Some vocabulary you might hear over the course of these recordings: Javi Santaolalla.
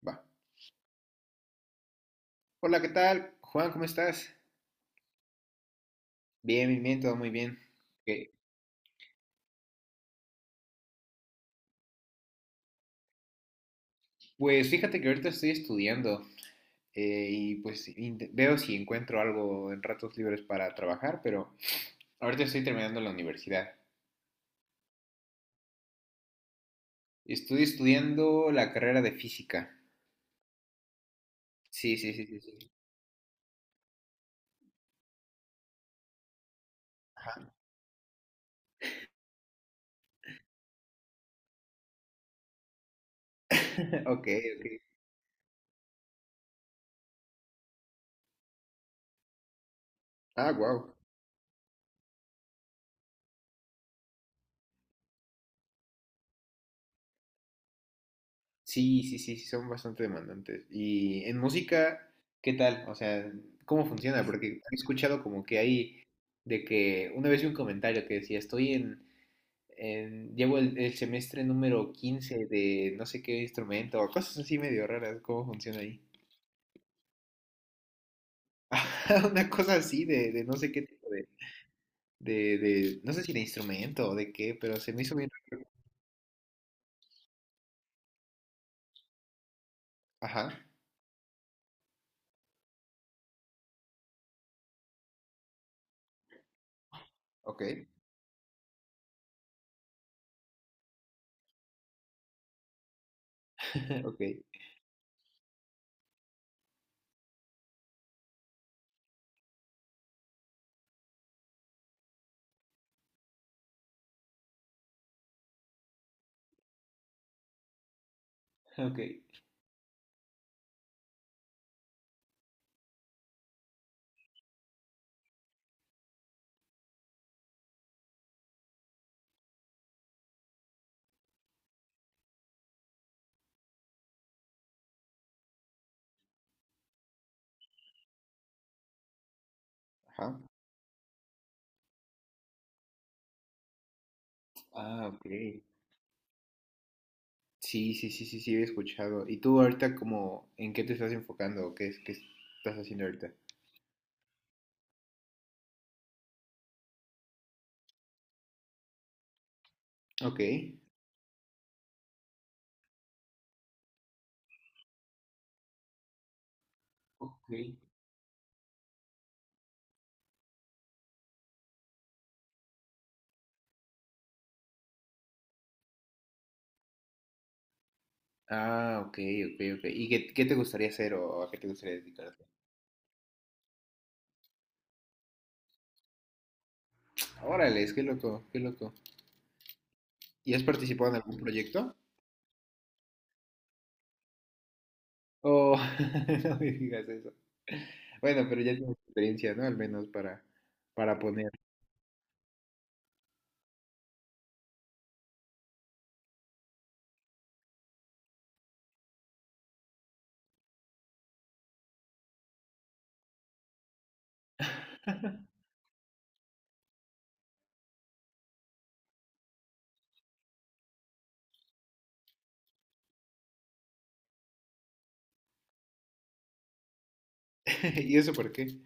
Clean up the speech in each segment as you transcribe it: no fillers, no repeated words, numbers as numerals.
Va. Hola, ¿qué tal? Juan, ¿cómo estás? Bien, bien, bien, todo muy bien. Ok. Pues fíjate que ahorita estoy estudiando y pues veo si encuentro algo en ratos libres para trabajar, pero ahorita estoy terminando la universidad. Estoy estudiando la carrera de física. Sí, sí, sí, sí, sí. Ok, ok. Ah, wow. Sí, sí, sí, sí, son bastante demandantes. Y en música, ¿qué tal? O sea, ¿cómo funciona? Porque he escuchado como que hay de que una vez vi un comentario que decía, estoy llevo el semestre número 15 de no sé qué instrumento, o cosas así medio raras, cómo funciona ahí. Una cosa así de no sé qué tipo de no sé si de instrumento o de qué, pero se me hizo bien. Ajá, ok, ok, ok, ajá. Ah, ok. Sí, sí, sí, sí, sí, he escuchado. ¿Y tú ahorita como en qué te estás enfocando o qué, qué estás haciendo ahorita? Ok. Ok. Ah, ok, ok, ok. ¿Y qué, qué te gustaría hacer o a qué te gustaría dedicarte? Órale, es que loco, qué loco. ¿Y has participado en algún proyecto? Oh, no me digas eso. Bueno, pero ya tienes experiencia, ¿no? Al menos para poner. ¿Y eso por qué?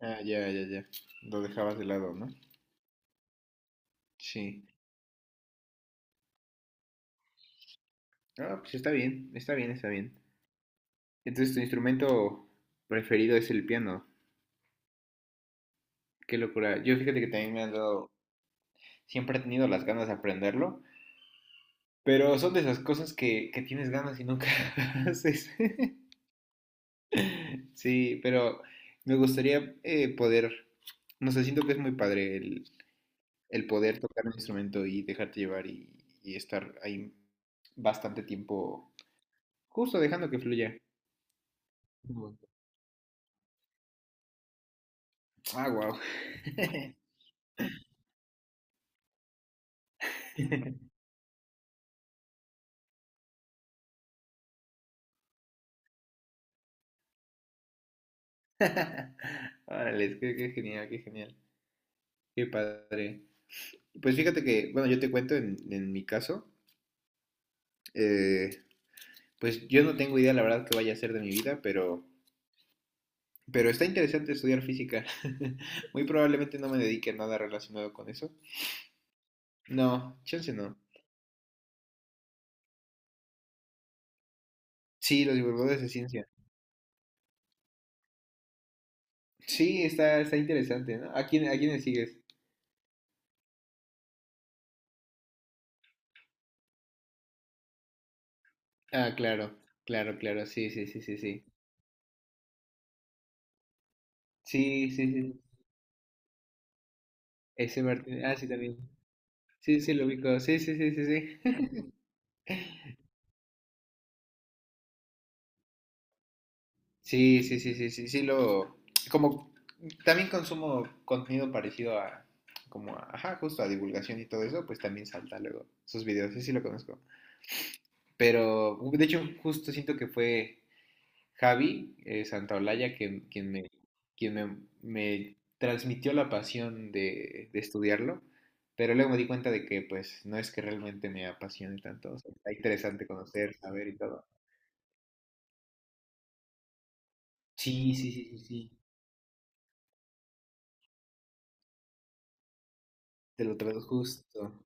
Ah, ya, ya, ya. Lo dejabas de lado, ¿no? Sí. Ah, pues está bien, está bien, está bien. Entonces, tu instrumento preferido es el piano. Qué locura. Yo fíjate que también me han dado, siempre he tenido las ganas de aprenderlo, pero son de esas cosas que tienes ganas y nunca haces. Sí, pero me gustaría poder, no sé, siento que es muy padre el poder tocar un instrumento y dejarte llevar y estar ahí bastante tiempo, justo dejando que fluya. Ujú. Ah, wow. Órale, qué, qué genial, qué genial, qué padre. Pues fíjate que, bueno, yo te cuento en mi caso, eh, pues yo no tengo idea, la verdad, qué vaya a ser de mi vida, pero está interesante estudiar física. Muy probablemente no me dedique a nada relacionado con eso. No, chance no. Sí, los divulgadores de ciencia. Sí, está, está interesante, ¿no? ¿A quién, a quiénes sigues? Ah, claro, claro, claro. Sí, sí, sí, sí, sí. Sí, sí, sí. Ese Martín. Ah, sí, también. Sí, sí, lo ubico. Sí, sí, sí, sí, sí. Sí, sí, sí, sí, sí, sí, lo... Como también consumo contenido parecido a, como, ajá, justo a divulgación y todo eso, pues también salta luego sus videos. Sí, sí, lo conozco. Pero, de hecho, justo siento que fue Javi Santaolalla quien me transmitió la pasión de estudiarlo, pero luego me di cuenta de que, pues, no es que realmente me apasione tanto. O sea, está interesante conocer, saber y todo. Sí, sí, sí, sí, sí, te lo traduzco justo.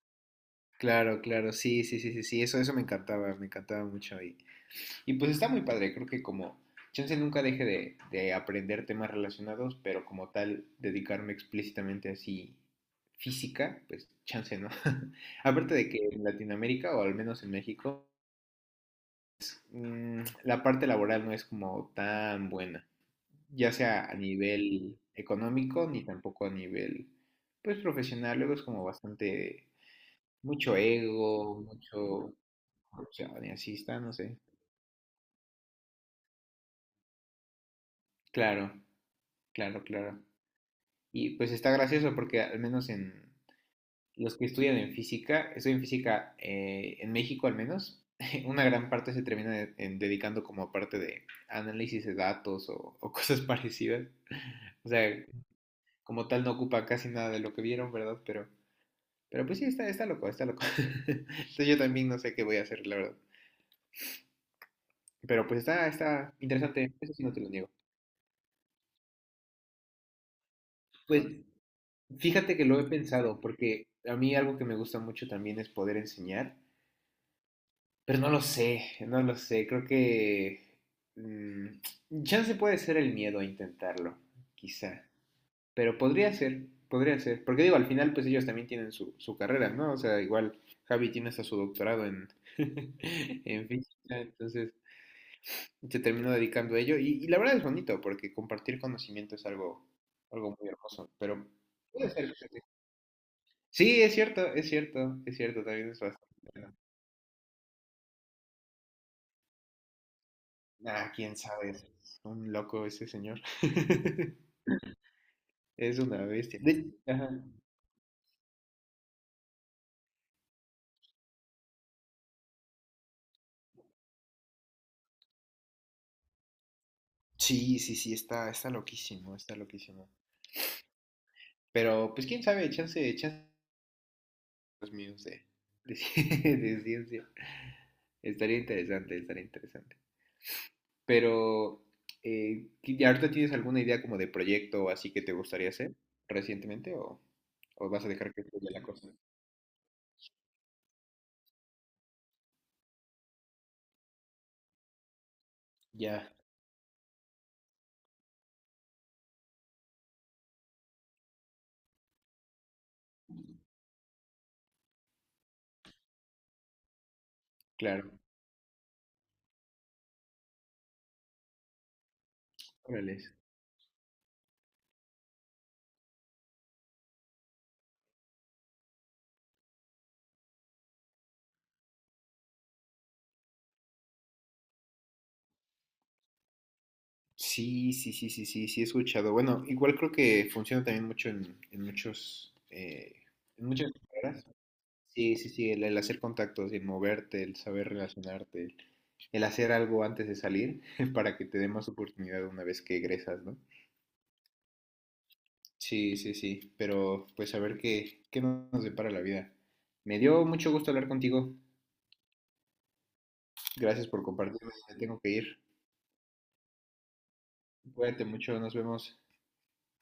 Claro, claro, sí, sí, sí, sí, sí, eso me encantaba mucho. Y pues está muy padre, creo que como chance nunca deje de aprender temas relacionados, pero como tal, dedicarme explícitamente así física, pues chance, ¿no? Aparte de que en Latinoamérica, o al menos en México, la parte laboral no es como tan buena, ya sea a nivel económico ni tampoco a nivel, pues, profesional. Luego es como bastante, mucho ego, mucho corrupción y así está, no sé. Claro, claro, claro. Y pues está gracioso porque al menos en los que estudian en física, estudian física en México al menos, una gran parte se termina dedicando como a parte de análisis de datos o cosas parecidas. O sea, como tal no ocupa casi nada de lo que vieron, ¿verdad? Pero pues sí, está, está loco, está loco. Entonces yo también no sé qué voy a hacer, la verdad. Pero pues está, está interesante, eso sí no te lo niego. Pues fíjate que lo he pensado, porque a mí algo que me gusta mucho también es poder enseñar. Pero no lo sé, no lo sé. Creo que. Chance puede ser el miedo a intentarlo, quizá. Pero podría ser, podría ser. Porque digo, al final, pues ellos también tienen su, su carrera, ¿no? O sea, igual Javi tiene hasta su doctorado en, en física, entonces se terminó dedicando a ello. Y la verdad es bonito, porque compartir conocimiento es algo, algo muy hermoso. Pero puede ser. Sí. Sí, es cierto, es cierto, es cierto, también es bastante. Bueno. Ah, quién sabe, es un loco ese señor. Es una bestia. De- Ajá. Sí, sí, sí, está, está loquísimo, está loquísimo. Pero, pues quién sabe, chance, chance los míos de de ciencia. Estaría interesante, estaría interesante. Pero, ¿y ahorita tienes alguna idea como de proyecto o así que te gustaría hacer recientemente o vas a dejar que fluya la cosa? Ya, claro. Órale. Sí, sí, sí, sí, sí, sí, he escuchado. Bueno, igual creo que funciona también mucho en muchos, en muchas carreras. Sí, sí, sí, el hacer contactos, el moverte, el saber relacionarte, el hacer algo antes de salir para que te dé más oportunidad una vez que egresas, ¿no? Sí, sí, sí, pero pues a ver qué, qué nos depara la vida. Me dio mucho gusto hablar contigo. Gracias por compartirme. Me tengo que ir. Cuídate mucho, nos vemos.